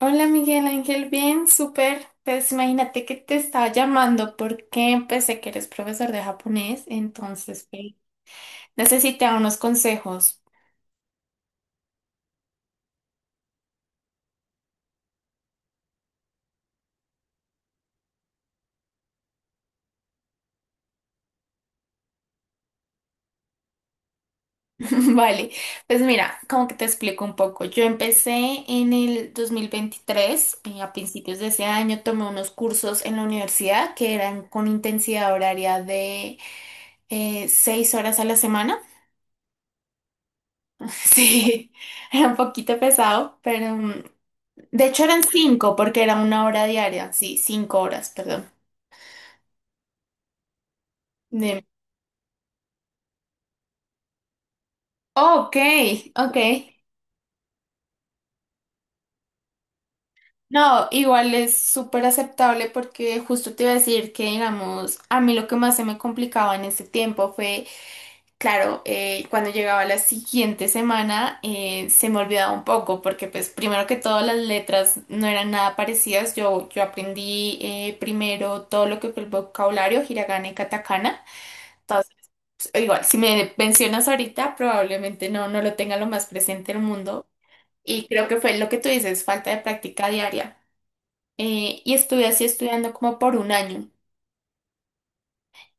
Hola Miguel Ángel, bien, súper. Pues imagínate que te estaba llamando porque pensé que eres profesor de japonés, entonces pues, necesitaba unos consejos. Vale, pues mira, como que te explico un poco. Yo empecé en el 2023, a principios de ese año tomé unos cursos en la universidad que eran con intensidad horaria de seis horas a la semana. Sí, era un poquito pesado, pero, de hecho eran cinco porque era una hora diaria, sí, cinco horas, perdón. De... Ok, ok. No, igual es súper aceptable porque justo te iba a decir que, digamos, a mí lo que más se me complicaba en ese tiempo fue, claro, cuando llegaba la siguiente semana se me olvidaba un poco porque, pues, primero que todo las letras no eran nada parecidas. Yo aprendí primero todo lo que fue el vocabulario, hiragana y katakana. Igual, si me mencionas ahorita, probablemente no lo tenga lo más presente el mundo. Y creo que fue lo que tú dices, falta de práctica diaria. Y estuve así estudiando como por un año.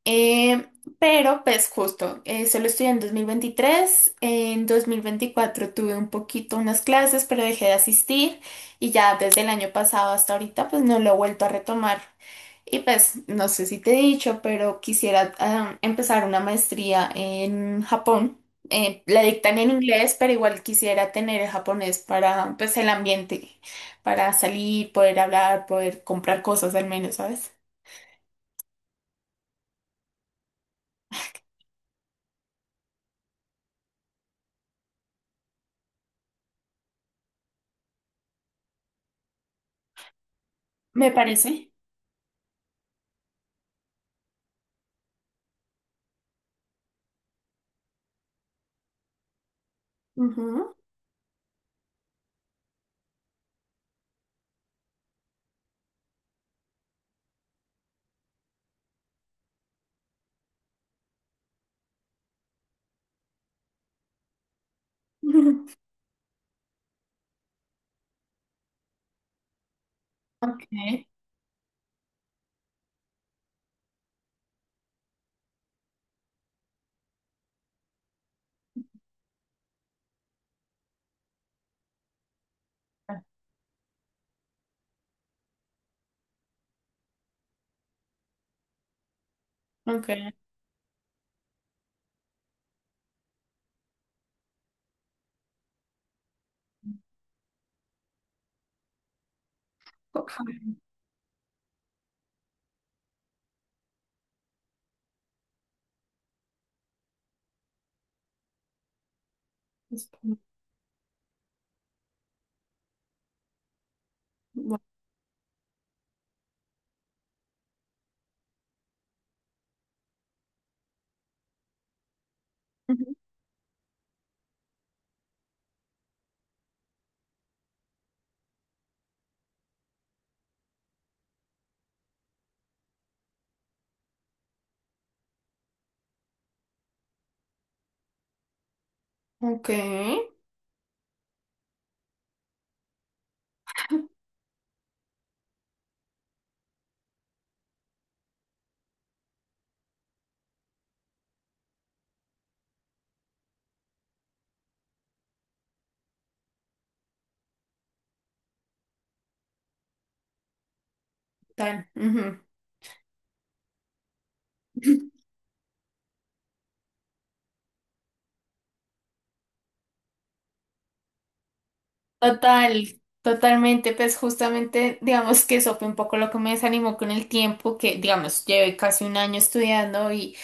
Eh, pero pues justo, solo estudié en 2023, en 2024 tuve un poquito unas clases, pero dejé de asistir y ya desde el año pasado hasta ahorita pues no lo he vuelto a retomar. Y pues no sé si te he dicho, pero quisiera empezar una maestría en Japón. La dictan en inglés, pero igual quisiera tener el japonés para pues el ambiente, para salir, poder hablar, poder comprar cosas al menos, ¿sabes? Me parece. Ujú. Ok, ok. Bueno, ujú. Ok, tal. Ujú. Total, totalmente, pues justamente, digamos que eso fue un poco lo que me desanimó con el tiempo, que digamos, llevé casi un año estudiando y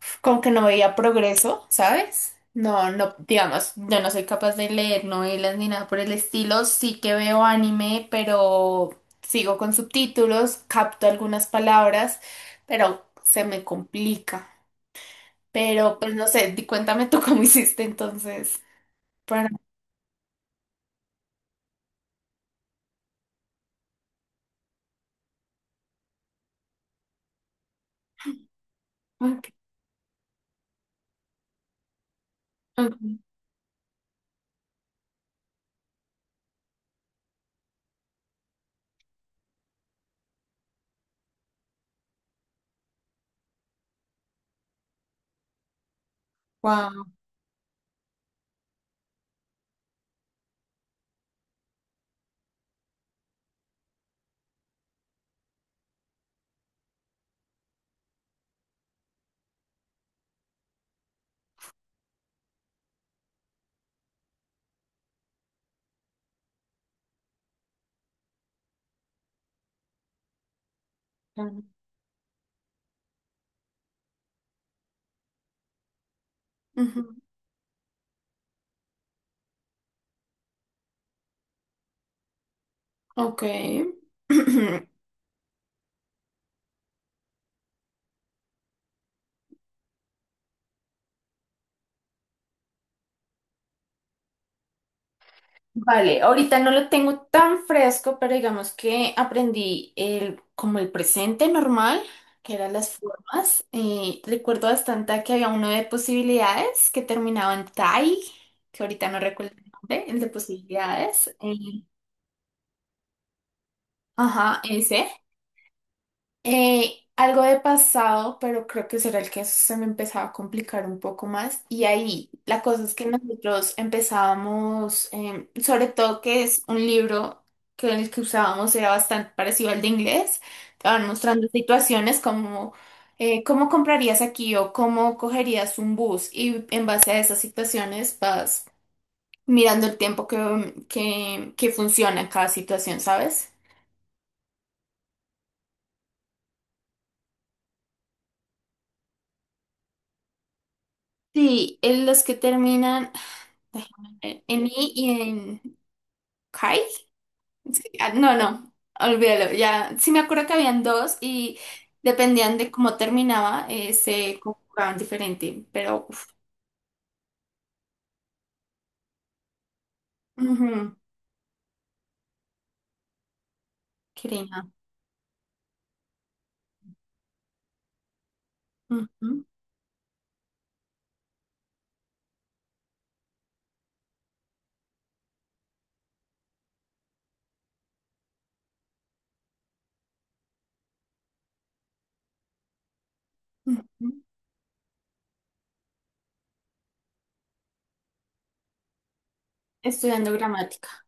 uf, como que no veía progreso, ¿sabes? No, no, digamos, yo no soy capaz de leer novelas ni nada por el estilo, sí que veo anime, pero sigo con subtítulos, capto algunas palabras, pero se me complica. Pero pues no sé, cuéntame tú cómo hiciste entonces. Para... Ok, ok. Wow. Claro. Ujú, ok. Vale, ahorita no lo tengo tan fresco, pero digamos que aprendí el, como el presente normal, que eran las formas. Recuerdo bastante que había uno de posibilidades que terminaba en tai, que ahorita no recuerdo el nombre, el de posibilidades. Ajá, ese. Algo de pasado, pero creo que será el que se me empezaba a complicar un poco más. Y ahí la cosa es que nosotros empezábamos, sobre todo que es un libro que el que usábamos era bastante parecido al de inglés. Te van mostrando situaciones como cómo comprarías aquí o cómo cogerías un bus. Y en base a esas situaciones vas mirando el tiempo que funciona en cada situación, ¿sabes? Sí, en los que terminan. En I y en Kai. Sí, ah, no, no, olvídalo. Ya sí me acuerdo que habían dos y dependían de cómo terminaba, se conjugaban diferente. Pero, uff, ujú, querida, ujú, ujú. Estudiando gramática.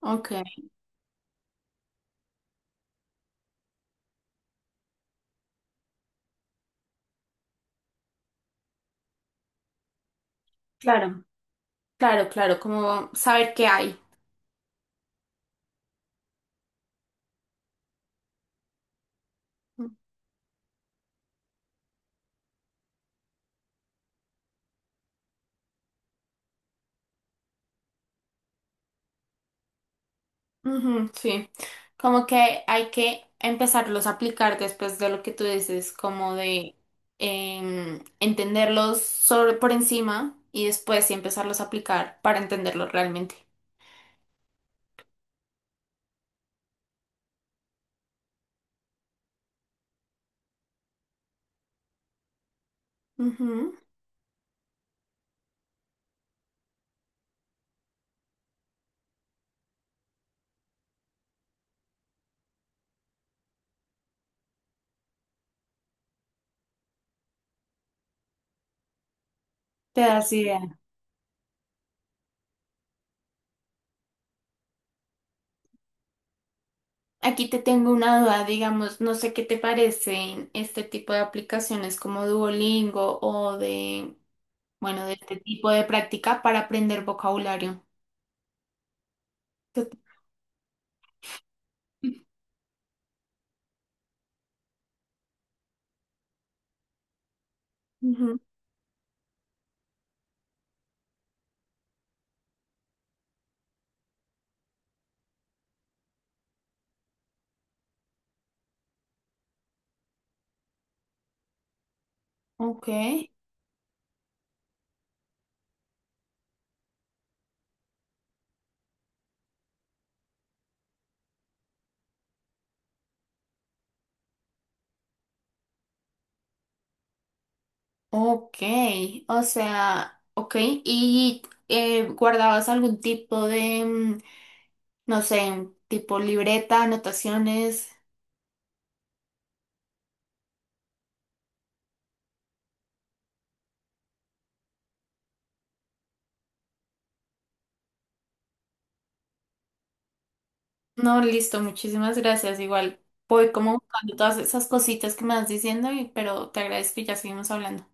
Ok, claro, claro, claro, como saber qué hay. Ujú, sí, como que hay que empezarlos a aplicar después de lo que tú dices, como de entenderlos sobre, por encima y después sí empezarlos a aplicar para entenderlos realmente. Ujú, te das idea. Aquí te tengo una duda, digamos, no sé qué te parecen este tipo de aplicaciones como Duolingo o de, bueno, de este tipo de práctica para aprender vocabulario. ¿Qué te- Ujú, ok. Ok, o sea, ok, ¿y guardabas algún tipo de, no sé, tipo libreta, anotaciones? No, listo, muchísimas gracias. Igual voy como buscando todas esas cositas que me vas diciendo, pero te agradezco y ya seguimos hablando.